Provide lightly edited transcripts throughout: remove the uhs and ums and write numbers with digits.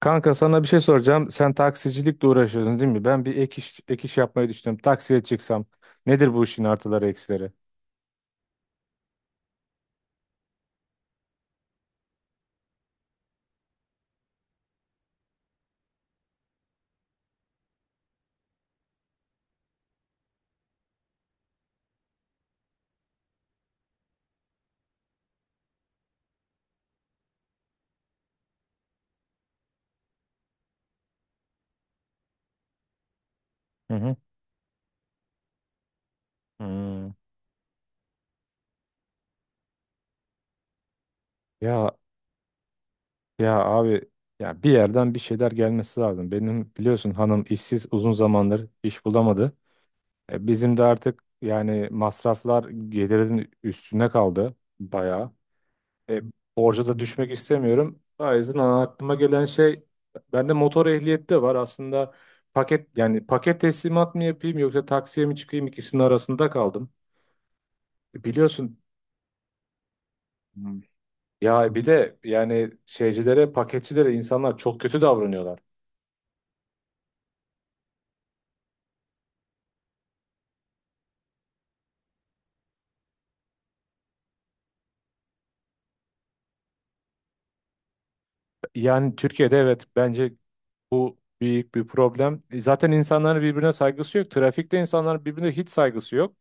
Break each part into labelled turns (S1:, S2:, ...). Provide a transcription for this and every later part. S1: Kanka sana bir şey soracağım. Sen taksicilikle uğraşıyorsun değil mi? Ben bir ek iş yapmayı düşünüyorum. Taksiye çıksam nedir bu işin artıları eksileri? Hı hı. Hmm. Ya ya abi, ya bir yerden bir şeyler gelmesi lazım. Benim biliyorsun hanım işsiz, uzun zamandır iş bulamadı. Bizim de artık yani masraflar gelirin üstüne kaldı bayağı. E, Borca da düşmek istemiyorum. O yüzden aklıma gelen şey, bende motor ehliyeti de var. Aslında paket, yani paket teslimat mı yapayım yoksa taksiye mi çıkayım, ikisinin arasında kaldım. Biliyorsun. Hmm. Ya bir de yani şeycilere, paketçilere insanlar çok kötü davranıyorlar. Yani Türkiye'de, evet, bence bu büyük bir problem. Zaten insanların birbirine saygısı yok. Trafikte insanların birbirine hiç saygısı yok.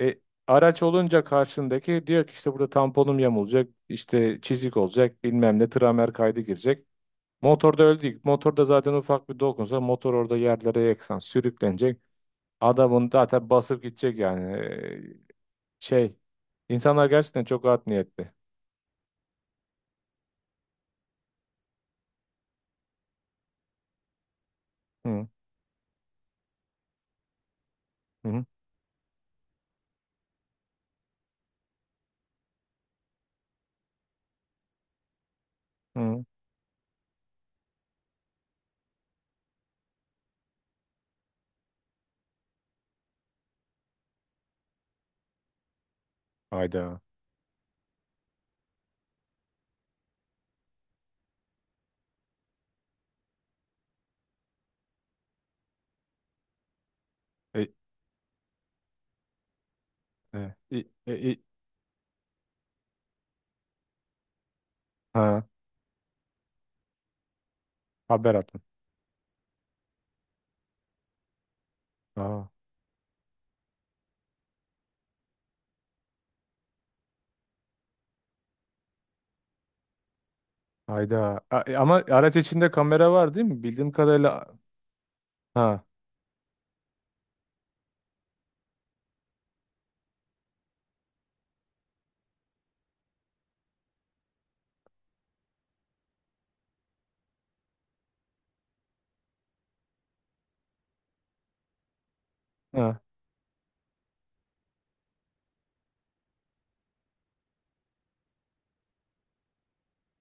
S1: E, Araç olunca karşındaki diyor ki işte burada tamponum yamulacak, işte çizik olacak, bilmem ne tramer kaydı girecek. Motorda öldü. Motorda zaten ufak bir dokunsa motor orada yerlere yeksan sürüklenecek. Adamın zaten basıp gidecek yani. Şey, insanlar gerçekten çok art niyetli. Hı hı hı. Hayda. E, e, e, e, e. Ha, haber atın. Ha, hayda. Ama araç içinde kamera var değil mi? Bildiğim kadarıyla. Ha, ha.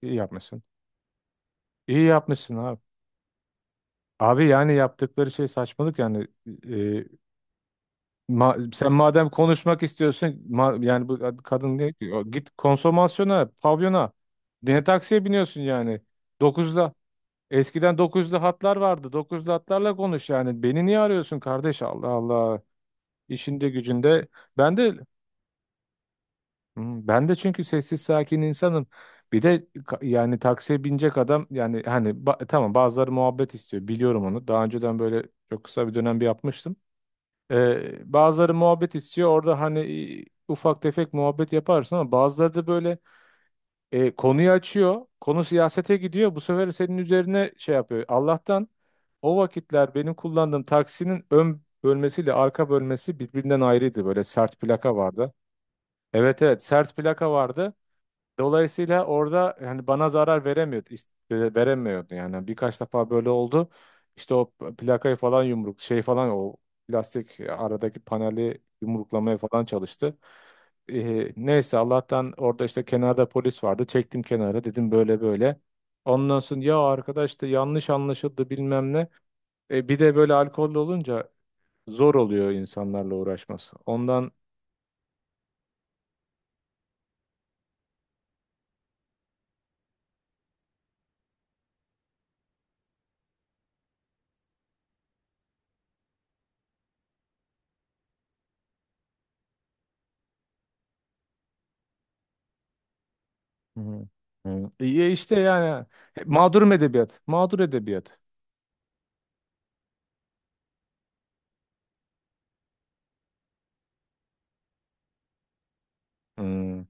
S1: İyi yapmışsın. İyi yapmışsın abi. Abi yani yaptıkları şey saçmalık yani. E, Sen madem konuşmak istiyorsun, yani bu kadın ne ki? "O, git konsomasyona, pavyona." Ne taksiye biniyorsun yani? 9'la. Eskiden 9'lu hatlar vardı. 9'lu hatlarla konuş yani. Beni niye arıyorsun kardeş? Allah Allah. İşinde gücünde. Ben de Hmm. Ben de çünkü sessiz sakin insanım. Bir de yani taksiye binecek adam, yani hani tamam, bazıları muhabbet istiyor, biliyorum onu. Daha önceden böyle çok kısa bir dönem bir yapmıştım. Bazıları muhabbet istiyor orada, hani e, ufak tefek muhabbet yaparsın, ama bazıları da böyle konuyu açıyor. Konu siyasete gidiyor, bu sefer senin üzerine şey yapıyor. Allah'tan o vakitler benim kullandığım taksinin ön bölmesiyle arka bölmesi birbirinden ayrıydı. Böyle sert plaka vardı. Evet, evet, sert plaka vardı. Dolayısıyla orada yani bana zarar veremiyordu, veremiyordu yani. Birkaç defa böyle oldu. İşte o plakayı falan yumruk şey falan, o plastik aradaki paneli yumruklamaya falan çalıştı. Neyse Allah'tan orada işte kenarda polis vardı. Çektim kenara, dedim böyle böyle. Ondan sonra ya arkadaş işte yanlış anlaşıldı, bilmem ne. Bir de böyle alkollü olunca zor oluyor insanlarla uğraşması. Ondan. Hı hı. İşte yani mağdur edebiyat. Mağdur edebiyat. Hı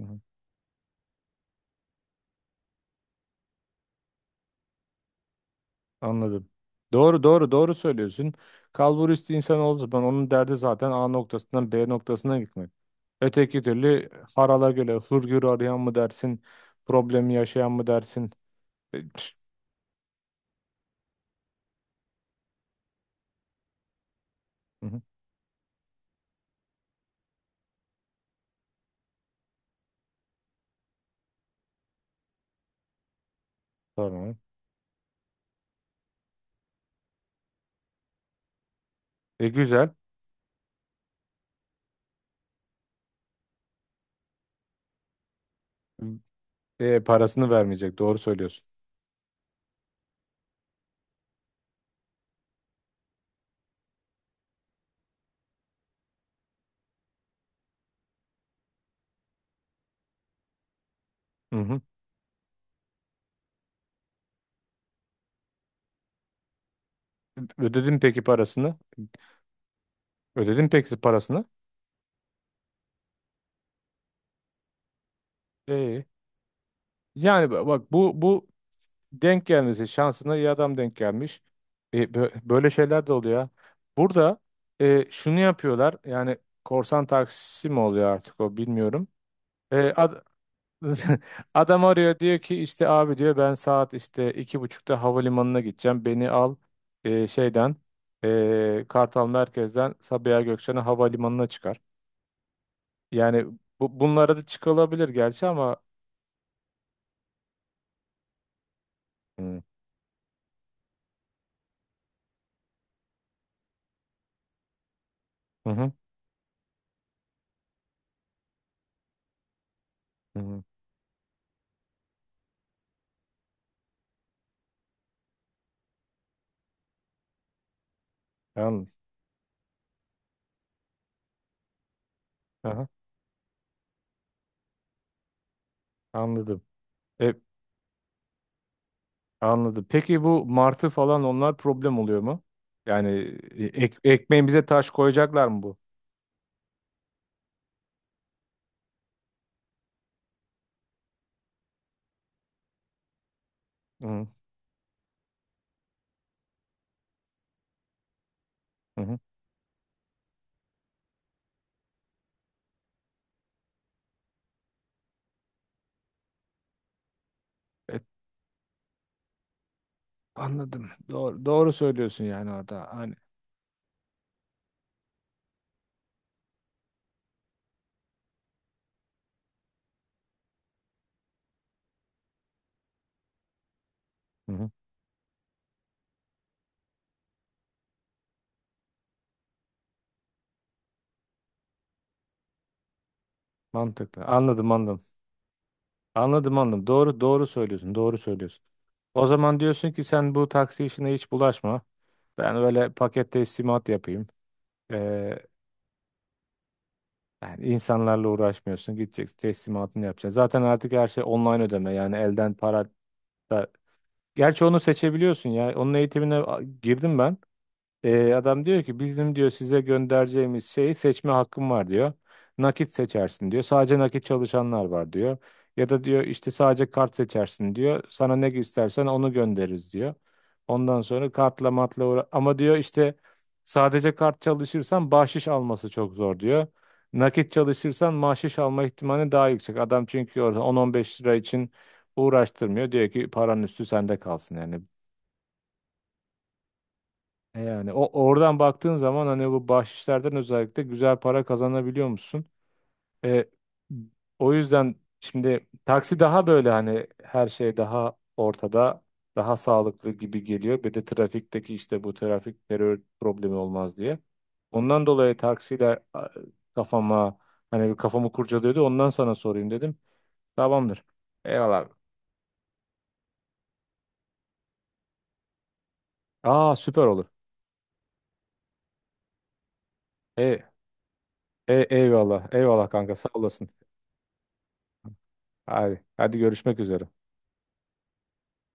S1: hı. Anladım. Doğru, doğru, doğru söylüyorsun. Kalburiüstü insan olduğu zaman onun derdi zaten A noktasından B noktasına gitmek. Öteki türlü harala göre hırgür arayan mı dersin, problemi yaşayan mı dersin? E, hı hı. Tamam. E güzel. E, parasını vermeyecek. Doğru söylüyorsun. Hı hı. Ödedin peki parasını? Ödedin peki parasını? E, Yani bak, bu denk gelmesi şansına iyi adam denk gelmiş. Böyle şeyler de oluyor. Burada şunu yapıyorlar. Yani korsan taksisi mi oluyor artık, o bilmiyorum. E, ad- Adam arıyor, diyor ki işte abi diyor ben saat işte iki buçukta havalimanına gideceğim. Beni al e, şeyden Kartal Merkez'den Sabiha Gökçen'e havalimanına çıkar. Yani bu, bunlara da çıkılabilir gerçi ama. Hı hı hı. Hı. Anladım. Aha, anladım. Anladım. Peki bu martı falan, onlar problem oluyor mu? Yani ekmeğimize taş koyacaklar mı bu? Hı hı. Hı. E, Anladım. Doğru, doğru söylüyorsun yani orada. Hani hı hı. Mantıklı. Anladım, anladım. Anladım, anladım. Doğru doğru söylüyorsun. Doğru söylüyorsun. O zaman diyorsun ki sen bu taksi işine hiç bulaşma. Ben öyle paket teslimat yapayım. Ee, Yani insanlarla uğraşmıyorsun. Gideceksin, teslimatını yapacaksın. Zaten artık her şey online ödeme. Yani elden para da. Gerçi onu seçebiliyorsun ya. Onun eğitimine girdim ben. Adam diyor ki bizim diyor size göndereceğimiz şeyi seçme hakkım var diyor. Nakit seçersin diyor. Sadece nakit çalışanlar var diyor. Ya da diyor işte sadece kart seçersin diyor. Sana ne istersen onu göndeririz diyor. Ondan sonra kartla matla ama diyor işte sadece kart çalışırsan bahşiş alması çok zor diyor. Nakit çalışırsan bahşiş alma ihtimali daha yüksek. Adam çünkü orada 10-15 lira için uğraştırmıyor. Diyor ki paranın üstü sende kalsın yani. E yani o oradan baktığın zaman hani bu bahşişlerden özellikle güzel para kazanabiliyor musun? E, O yüzden şimdi taksi daha böyle, hani her şey daha ortada, daha sağlıklı gibi geliyor. Bir de trafikteki işte bu trafik terör problemi olmaz diye. Ondan dolayı taksiyle kafama hani bir, kafamı kurcalıyordu. Ondan sana sorayım dedim. Tamamdır. Eyvallah abi. Aa süper olur. E, eyvallah. Eyvallah kanka, sağ olasın. Hadi, görüşmek üzere.